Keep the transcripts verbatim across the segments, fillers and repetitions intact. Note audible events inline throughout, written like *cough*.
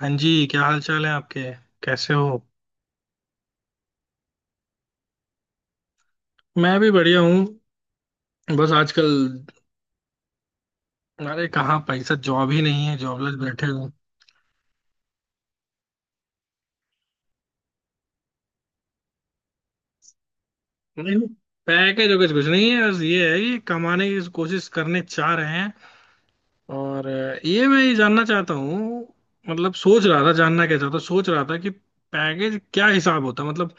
हाँ जी, क्या हाल चाल है आपके? कैसे हो? मैं भी बढ़िया हूँ। बस आजकल। अरे कहाँ पैसा, जॉब ही नहीं है, जॉबलेस बैठे हो। नहीं, पैकेज वैकेज कुछ नहीं है, बस ये है कि कमाने की कोशिश करने चाह रहे हैं। और अ, ये मैं ये जानना चाहता हूँ। मतलब सोच रहा था, जानना क्या चाहता, सोच रहा था कि पैकेज क्या हिसाब होता है, मतलब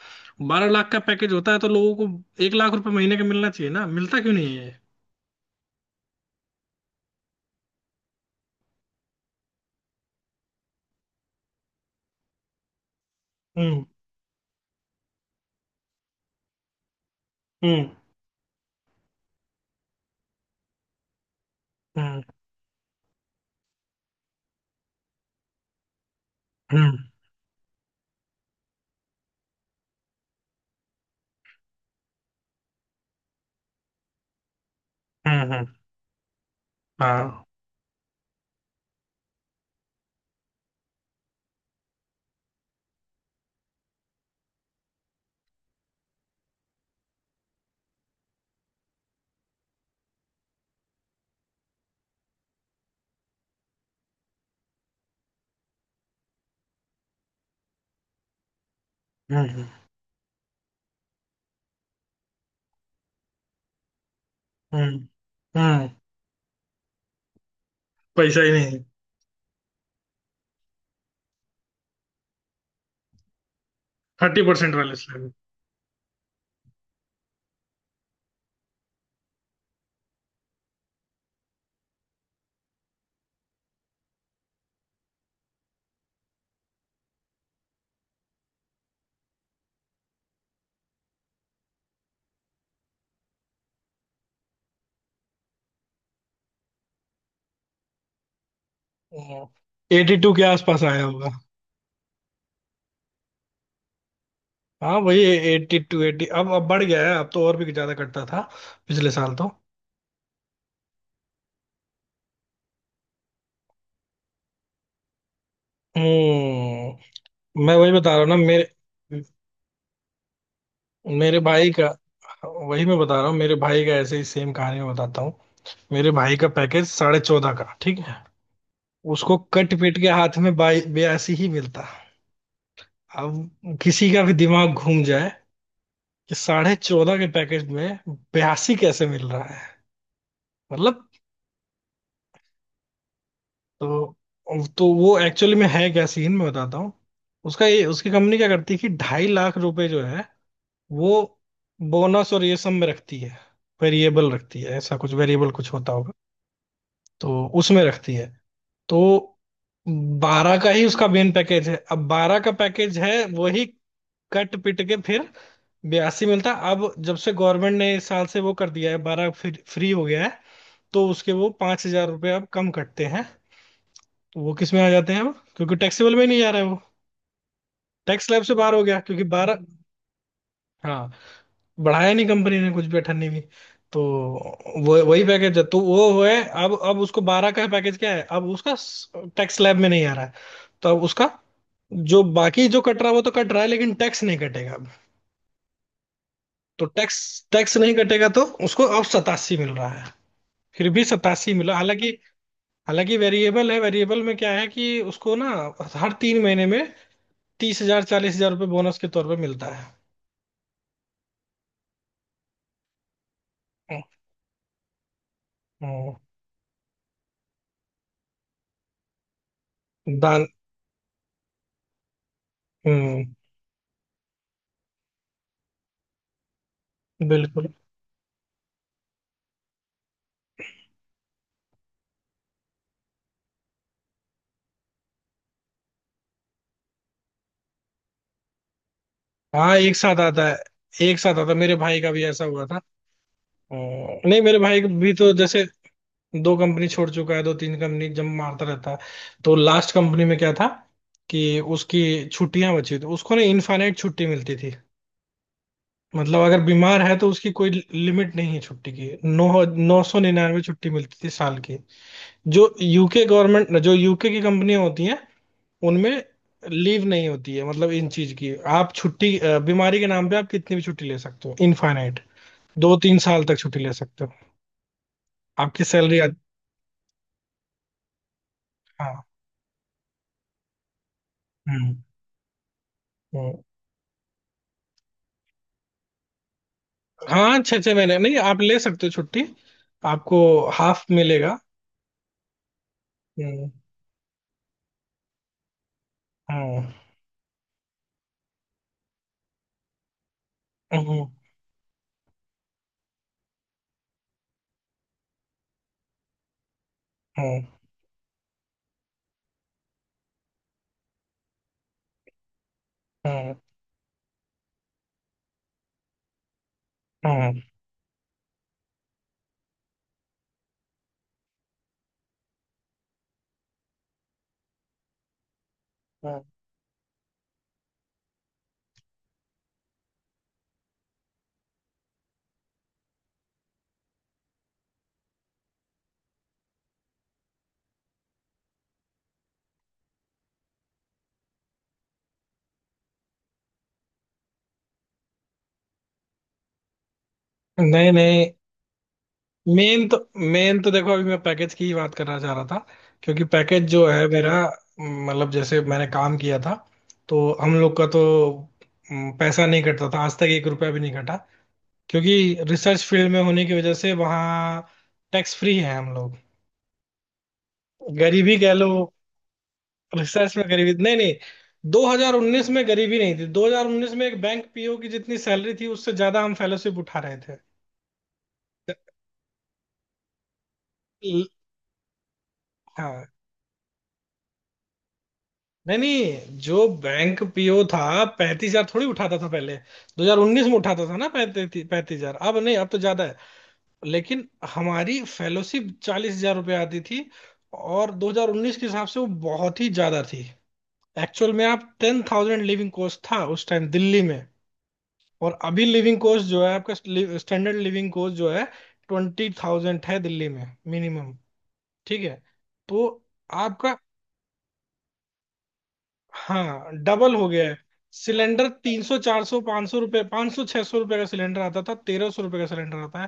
बारह लाख का पैकेज होता है तो लोगों को एक लाख रुपए महीने का मिलना चाहिए ना, मिलता क्यों नहीं है ये? हम्म। हम्म। हम्म। हम्म। हम्म। हम्म, हाँ। हम्म। हम्म। हम्म। हम्म। पैसा ही नहीं। थर्टी परसेंट वाले स्लैब। एटी टू के आसपास आया होगा। हाँ वही। Eighty two, eighty. अब अब बढ़ गया है, अब तो और भी ज्यादा कटता था पिछले साल तो। हम्म। मैं वही बता रहा हूँ ना, मेरे मेरे भाई का। वही मैं बता रहा हूँ, मेरे भाई का ऐसे ही सेम कहानी मैं बताता हूँ। मेरे भाई का पैकेज साढ़े चौदह का, ठीक है। उसको कट पीट के हाथ में बाई बयासी ही मिलता। अब किसी का भी दिमाग घूम जाए कि साढ़े चौदह के पैकेज में बयासी कैसे मिल रहा है, मतलब। तो तो वो एक्चुअली में है क्या सीन मैं बताता हूँ। उसका ये, उसकी कंपनी क्या करती है कि ढाई लाख रुपए जो है वो बोनस और ये सब में रखती है। वेरिएबल रखती है, ऐसा कुछ वेरिएबल कुछ होता होगा। तो उसमें रखती है। तो बारह का ही उसका मेन पैकेज है। अब बारह का पैकेज है वही, कट पिट के फिर बयासी मिलता। अब जब से गवर्नमेंट ने इस साल से वो कर दिया है, बारह फ्री हो गया है, तो उसके वो पांच हजार रुपये अब कम कटते हैं। तो वो किस में आ जाते हैं अब, क्योंकि टैक्सेबल में नहीं जा रहे हैं वो। टैक्स स्लैब से बाहर हो गया क्योंकि बारह। हाँ, बढ़ाया नहीं कंपनी ने कुछ भी, अठन्नी भी। तो वो वही पैकेज है, तो वो हुए। अब अब उसको बारह का पैकेज क्या है, अब उसका टैक्स स्लैब में नहीं आ रहा है। तो अब उसका जो बाकी जो कट रहा है वो तो कट रहा है, लेकिन टैक्स नहीं कटेगा अब। तो टैक्स टैक्स नहीं कटेगा, तो उसको अब सतासी मिल रहा है। फिर भी सतासी मिला, हालांकि हालांकि वेरिएबल है। वेरिएबल में क्या है कि उसको ना, हर तीन महीने में तीस हजार, चालीस हजार रुपये बोनस के तौर पे मिलता है। हम्म, दान। हम्म, बिल्कुल। हाँ, एक साथ आता है, एक साथ आता है, मेरे भाई का भी ऐसा हुआ था। हम्म, नहीं, मेरे भाई भी तो जैसे दो कंपनी छोड़ चुका है, दो तीन कंपनी जब मारता रहता है। तो लास्ट कंपनी में क्या था कि उसकी छुट्टियां बची थी, उसको ना इनफाइनाइट छुट्टी मिलती थी। मतलब अगर बीमार है तो उसकी कोई लिमिट नहीं है छुट्टी की। नौ, नौ सौ निन्यानवे छुट्टी मिलती थी साल की। जो यूके गवर्नमेंट, जो यूके की कंपनियां होती हैं, उनमें लीव नहीं होती है। मतलब इन चीज की आप छुट्टी, अ, बीमारी के नाम पे आप कितनी भी छुट्टी ले सकते हो, इनफाइनाइट। दो तीन साल तक छुट्टी ले सकते हो, आपकी सैलरी आ... हाँ। हम्म। हम्म। हाँ, छः छः महीने नहीं, आप ले सकते हो छुट्टी। आपको हाफ मिलेगा। हम्म। हम्म। हम्म। हम्म। हम्म। हम्म, हम्म। नहीं नहीं। मेन तो मेन तो देखो, अभी मैं पैकेज की ही बात करना चाह रहा था, क्योंकि पैकेज जो है मेरा, मतलब जैसे मैंने काम किया था तो हम लोग का तो, हम्म, पैसा नहीं कटता था आज तक, एक रुपया भी नहीं कटा। क्योंकि रिसर्च फील्ड में होने की वजह से वहाँ टैक्स फ्री है हम लोग। गरीबी कह लो। रिसर्च में गरीबी नहीं, नहीं। दो हज़ार उन्नीस में गरीबी नहीं थी। दो हज़ार उन्नीस में एक बैंक पीओ की जितनी सैलरी थी, उससे ज्यादा हम फेलोशिप उठा रहे थे। ल- हाँ नहीं नहीं, जो बैंक पीओ था, पैंतीस हजार थोड़ी उठाता था पहले। दो हज़ार उन्नीस में उठाता था ना पैंतीस, पैंतीस हजार। अब नहीं, अब तो ज्यादा है, लेकिन हमारी फेलोशिप चालीस हजार रुपये आती थी। और दो हज़ार उन्नीस के हिसाब से वो बहुत ही ज्यादा थी। एक्चुअल में आप, टेन थाउजेंड लिविंग कॉस्ट था उस टाइम दिल्ली में। और अभी लिविंग कॉस्ट जो है आपका, स्टैंडर्ड लिविंग कॉस्ट जो है, ट्वेंटी थाउजेंड है दिल्ली में, मिनिमम। ठीक है। तो आपका, हाँ, डबल हो गया है। सिलेंडर तीन सौ, चार सौ, पाँच सौ रुपये, पाँच सौ, छह सौ रुपये का सिलेंडर आता था, तेरह सौ रुपये का सिलेंडर आता है।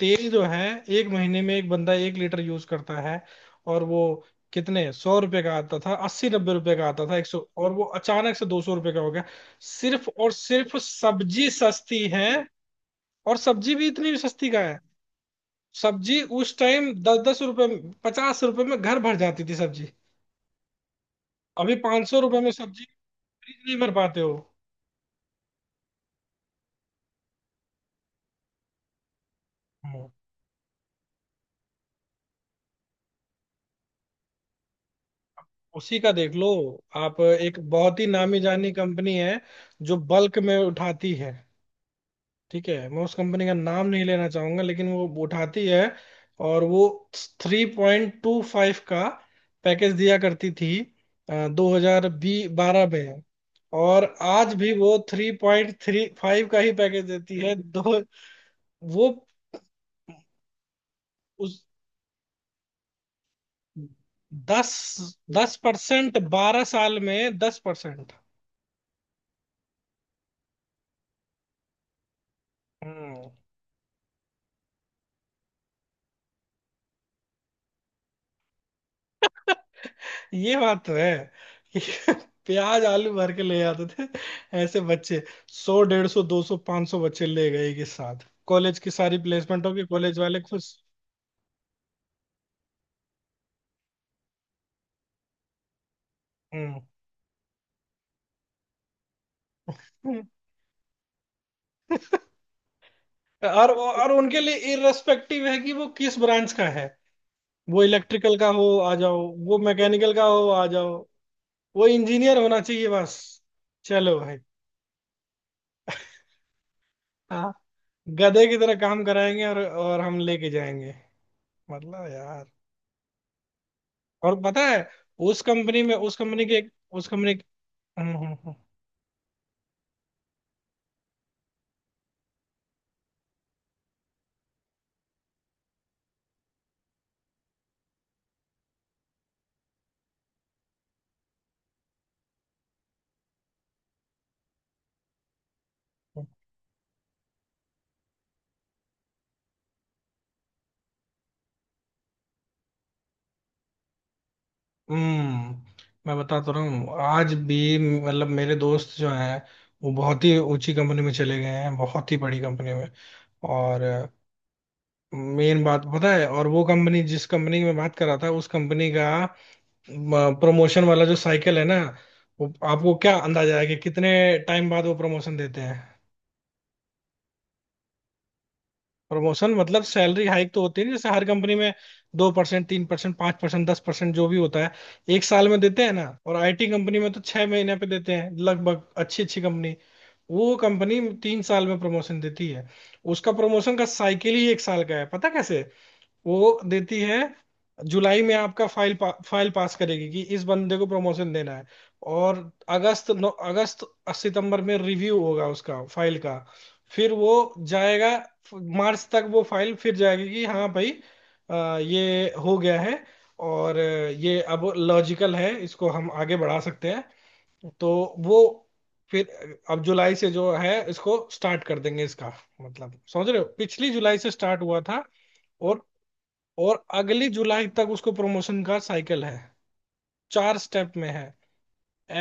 तेल जो है, एक महीने में एक बंदा एक लीटर यूज करता है, और वो कितने सौ रुपये का आता था? अस्सी, नब्बे रुपये का आता था, एक सौ, और वो अचानक से दो सौ रुपये का हो गया। सिर्फ और सिर्फ सब्जी सस्ती है। और सब्जी भी इतनी सस्ती का है। सब्जी उस टाइम दस दस रुपये, पचास रुपये में घर भर जाती थी सब्जी। अभी पाँच सौ रुपये में सब्जी फ्रिज नहीं भर पाते हो। उसी का देख लो, आप एक बहुत ही नामी जानी कंपनी है जो बल्क में उठाती है। ठीक है, मैं उस कंपनी का नाम नहीं लेना चाहूंगा लेकिन वो उठाती है। और वो थ्री पॉइंट टू फाइव का पैकेज दिया करती थी दो हजार बारह में। और आज भी वो थ्री पॉइंट थ्री फाइव का ही पैकेज देती है। दो वो उस दस, दस परसेंट, बारह साल में दस परसेंट। हम्म। ये बात तो है कि *laughs* प्याज आलू भर के ले आते थे ऐसे बच्चे। सौ, डेढ़ सौ, दो सौ, पांच सौ बच्चे ले गए के साथ, कॉलेज की सारी प्लेसमेंट होगी, कॉलेज वाले खुश। हम्म। और और उनके लिए इररेस्पेक्टिव है कि वो किस ब्रांच का है। वो इलेक्ट्रिकल का हो आ जाओ, वो मैकेनिकल का हो आ जाओ, वो इंजीनियर होना चाहिए बस। चलो भाई। हाँ, गधे की तरह काम कराएंगे और और हम लेके जाएंगे, मतलब यार। और पता है, उस कंपनी में, उस कंपनी के, उस कंपनी के- हम्म। हम्म, हम्म, हम्म, हम्म, मैं बता तो रहा हूँ आज भी। मतलब मेरे दोस्त जो हैं वो बहुत ही ऊंची कंपनी में चले गए हैं, बहुत ही बड़ी कंपनी में। और मेन बात पता है, और वो कंपनी, जिस कंपनी की मैं बात कर रहा था, उस कंपनी का प्रमोशन वाला जो साइकिल है ना, वो आपको क्या अंदाजा है कि कितने टाइम बाद वो प्रमोशन देते हैं? प्रमोशन मतलब सैलरी हाइक तो होती है जैसे हर कंपनी में, दो परसेंट, तीन परसेंट, पांच परसेंट, दस परसेंट, जो भी होता है। एक साल में देते हैं ना, और आईटी कंपनी में तो छह महीने पे देते हैं लगभग, अच्छी अच्छी कंपनी। वो कंपनी तीन साल में प्रमोशन देती है। उसका प्रमोशन का साइकिल ही एक साल का है, पता कैसे वो देती है? जुलाई में आपका फाइल पा, फाइल पास करेगी कि इस बंदे को प्रमोशन देना है। और अगस्त, नौ अगस्त, सितंबर में रिव्यू होगा उसका फाइल का। फिर वो जाएगा, मार्च तक वो फाइल फिर जाएगी कि हाँ भाई, अ, ये हो गया है और अ, ये अब लॉजिकल है, इसको हम आगे बढ़ा सकते हैं। तो वो फिर अब जुलाई से जो है इसको स्टार्ट कर देंगे इसका। मतलब समझ रहे हो? पिछली जुलाई से स्टार्ट हुआ था और और अगली जुलाई तक उसको प्रमोशन का साइकिल है। चार स्टेप में है।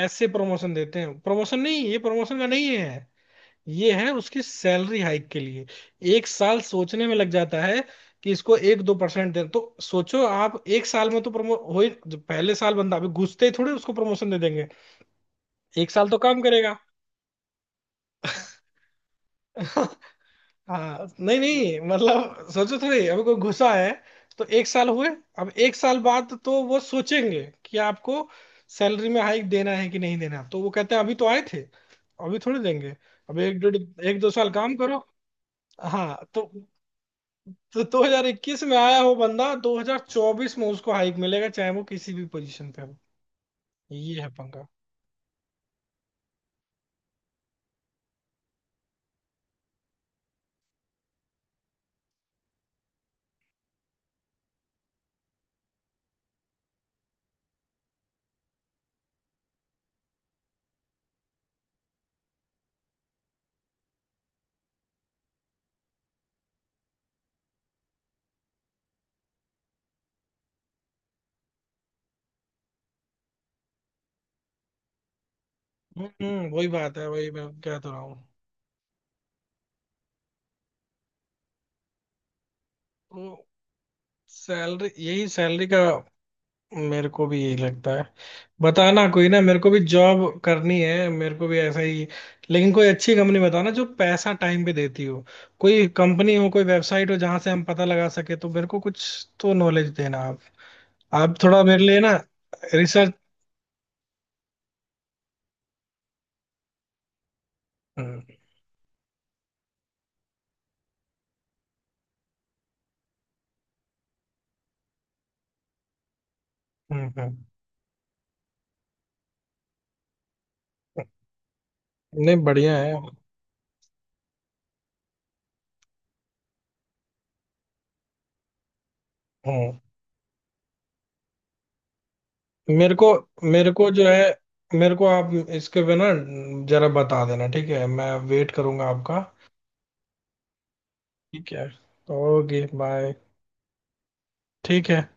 ऐसे प्रमोशन देते हैं। प्रमोशन नहीं, ये प्रमोशन का नहीं है, ये है उसकी सैलरी हाइक के लिए। एक साल सोचने में लग जाता है कि इसको एक दो परसेंट दे, तो सोचो आप एक साल में तो प्रमो हो ही, जो पहले साल बंदा अभी घुसते ही थोड़े उसको प्रमोशन दे देंगे, एक साल तो काम करेगा। *laughs* हाँ नहीं नहीं, मतलब सोचो थोड़ी अभी कोई घुसा है, तो एक साल हुए। अब एक साल बाद तो वो सोचेंगे कि आपको सैलरी में हाइक देना है कि नहीं देना, तो वो कहते हैं अभी तो आए थे, अभी थोड़ी देंगे। अब एक डेढ़, एक दो साल काम करो। हाँ, तो तो दो हज़ार इक्कीस में आया हो बंदा, दो हज़ार चौबीस में उसको हाइक मिलेगा, चाहे वो किसी भी पोजीशन पे हो। ये है पंगा। हम्म, वही बात है, वही मैं कह तो रहा हूँ। तो सैलरी, यही सैलरी का, मेरे को भी यही लगता है। बताना कोई ना, मेरे को भी जॉब करनी है, मेरे को भी ऐसा ही। लेकिन कोई अच्छी कंपनी बताना जो पैसा टाइम पे देती हो। कोई कंपनी हो, कोई वेबसाइट हो जहां से हम पता लगा सके, तो मेरे को कुछ तो नॉलेज देना आप आप थोड़ा मेरे लिए ना रिसर्च। हम्म। हम्म। हम्म। नहीं, बढ़िया है। हम्म। मेरे को मेरे को जो है, मेरे को आप इसके पे ना जरा बता देना, ठीक है? मैं वेट करूंगा आपका। ठीक है, ओके बाय। ठीक है।